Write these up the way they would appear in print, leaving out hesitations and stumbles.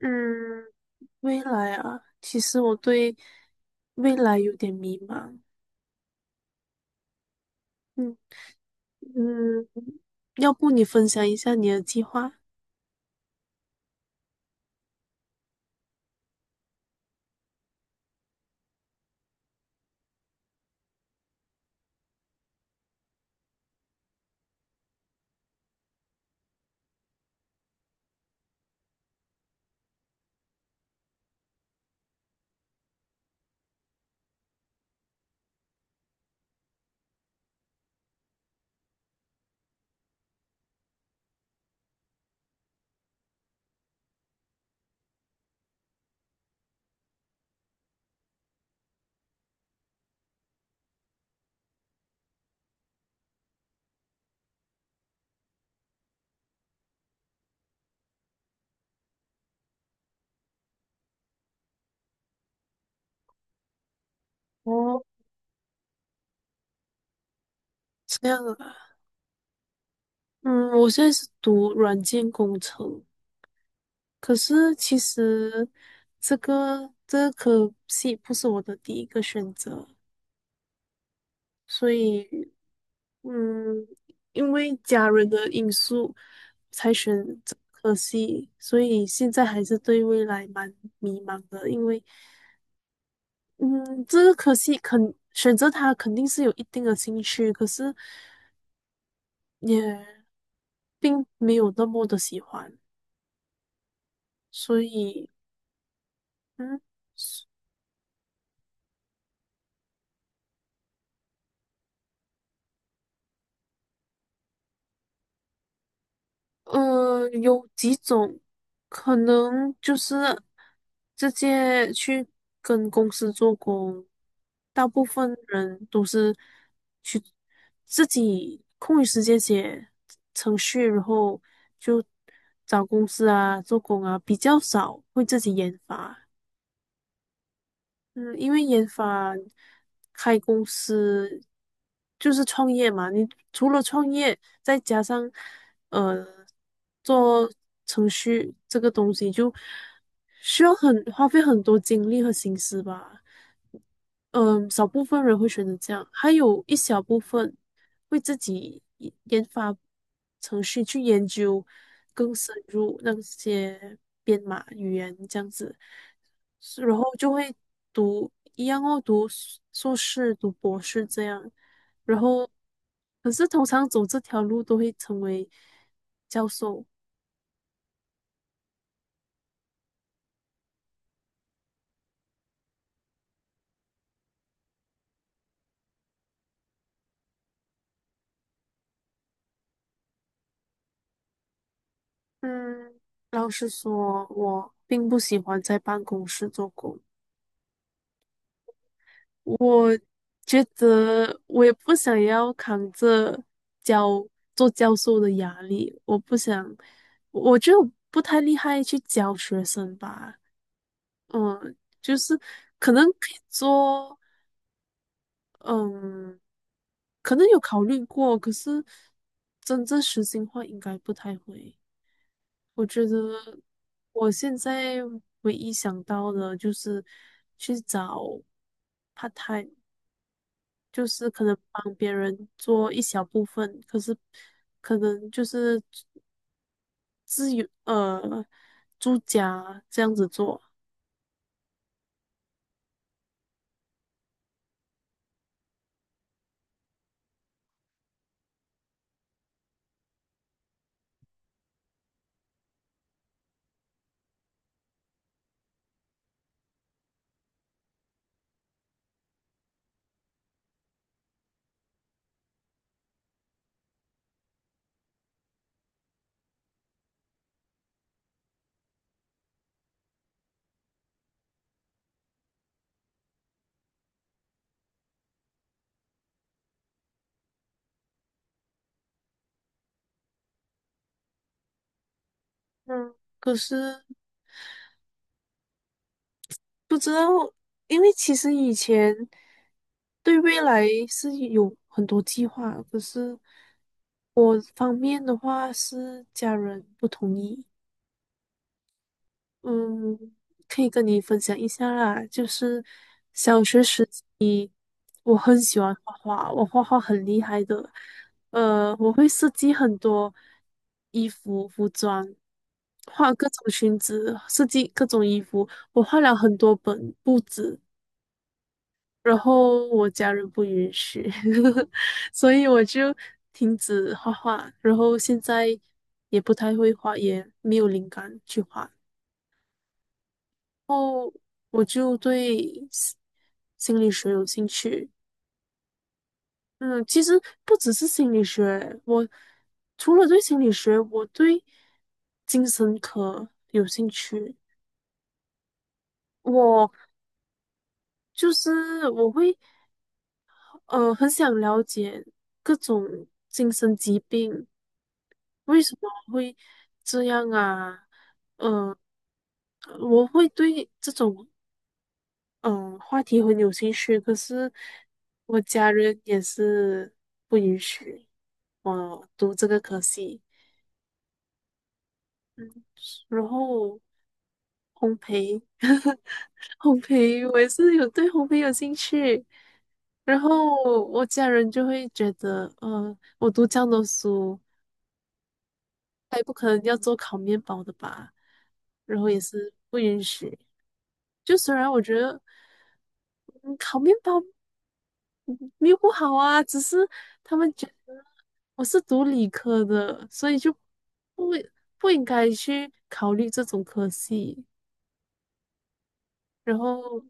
嗯，未来啊，其实我对未来有点迷茫。嗯嗯，要不你分享一下你的计划？哦，这样啊。嗯，我现在是读软件工程，可是其实这个科系不是我的第一个选择，所以嗯，因为家人的因素才选这个科系，所以现在还是对未来蛮迷茫的。嗯，这个科系肯选择它肯定是有一定的兴趣，可是也并没有那么的喜欢。所以嗯，呃，有几种可能，就是直接去跟公司做工，大部分人都是去自己空余时间写程序，然后就找公司啊做工啊，比较少会自己研发。嗯，因为研发开公司就是创业嘛，你除了创业，再加上呃做程序这个东西，就需要很花费很多精力和心思吧。嗯，少部分人会选择这样，还有一小部分会自己研发程序，去研究更深入那些编码语言这样子，是然后就会读一样哦，读硕士、读博士这样，然后可是通常走这条路都会成为教授。嗯，老实说，我并不喜欢在办公室做工。我觉得我也不想要扛着教做教授的压力，我不想，我就不太厉害去教学生吧。嗯，就是可能可以做，嗯，可能有考虑过，可是真正实行化应该不太会。我觉得我现在唯一想到的就是去找 part time。就是可能帮别人做一小部分，可是可能就是自由住家这样子做。嗯可是不知道，因为其实以前对未来是有很多计划，可是我方面的话是家人不同意。嗯，可以跟你分享一下啦，就是小学时。我很喜欢画画，我画画很厉害的。呃，我会设计很多衣服、服装，画各种裙子，设计各种衣服。我画了很多本布子，然后我家人不允许，所以我就停止画画。然后现在也不太会画，也没有灵感去画。然后我就对心理学有兴趣。嗯，其实不只是心理学，我除了对心理学，我对精神科有兴趣。我就是我会很想了解各种精神疾病为什么会这样啊？嗯，我会对这种话题很有兴趣，可是我家人也是不允许我读这个科系。嗯，然后烘焙，烘焙，我也是有对烘焙有兴趣。然后我家人就会觉得，呃，我读这样的书，他也不可能要做烤面包的吧？然后也是不允许。就虽然我觉得，嗯烤面包嗯没有不好啊，只是他们觉得我是读理科的，所以就不不应该去考虑这种科系。然后，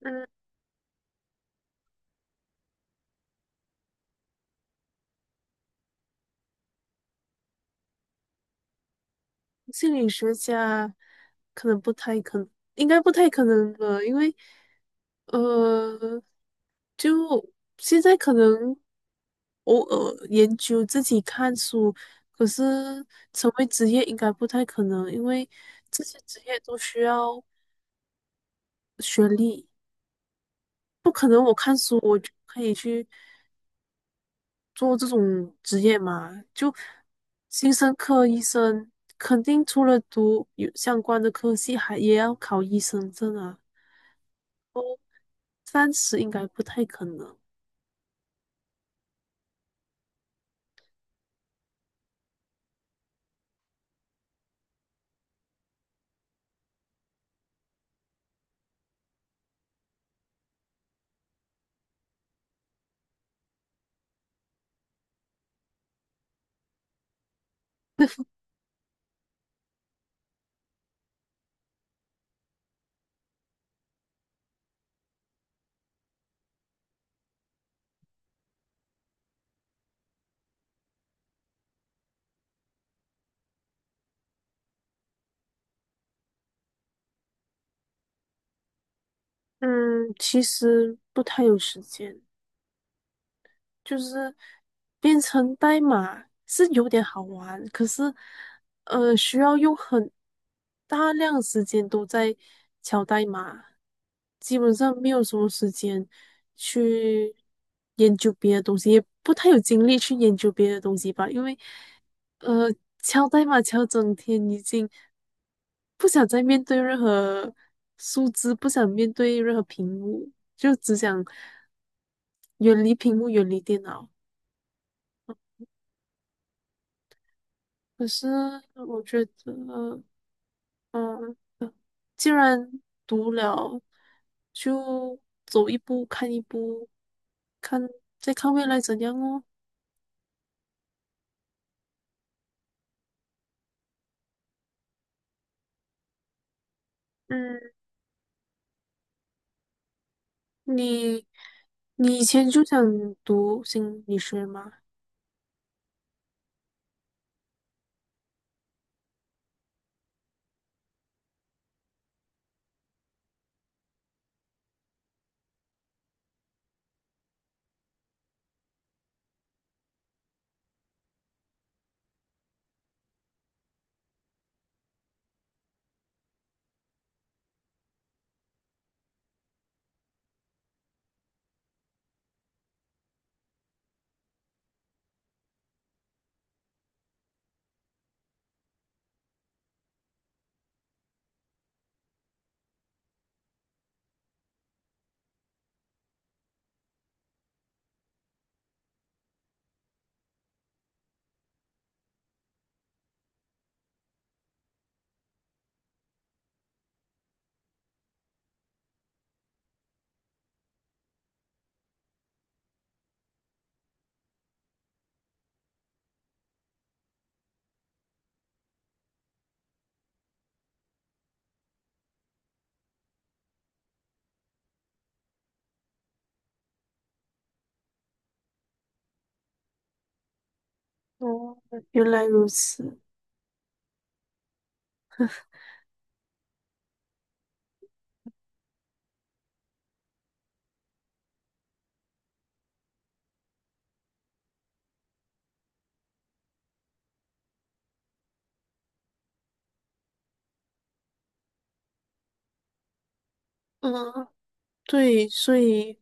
嗯，心理学家可能不太可能，应该不太可能吧，因为呃，就现在可能偶尔研究自己看书，可是成为职业应该不太可能，因为这些职业都需要学历，不可能我看书我就可以去做这种职业嘛，就精生、科医生肯定除了读有相关的科系，还也要考医生证啊。三十应该不太可能。嗯，其实不太有时间，就是编程代码是有点好玩，可是需要用很大量时间都在敲代码，基本上没有什么时间去研究别的东西，也不太有精力去研究别的东西吧，因为呃，敲代码敲整天已经。不想再面对任何数字，不想面对任何屏幕，就只想远离屏幕，远离电脑。可是我觉得，嗯，既然读了，就走一步看一步，看再看未来怎样哦。嗯，你你以前就想读心理学吗？哦，原来如此。嗯，对，所以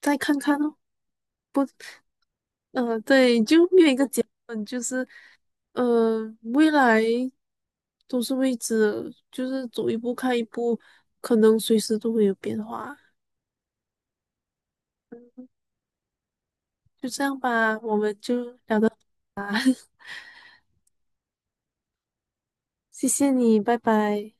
再看看哦。不嗯，对，就没有一个结论，就是未来都是未知的，就是走一步看一步，可能随时都会有变化，就这样吧，我们就聊到，谢谢你，拜拜。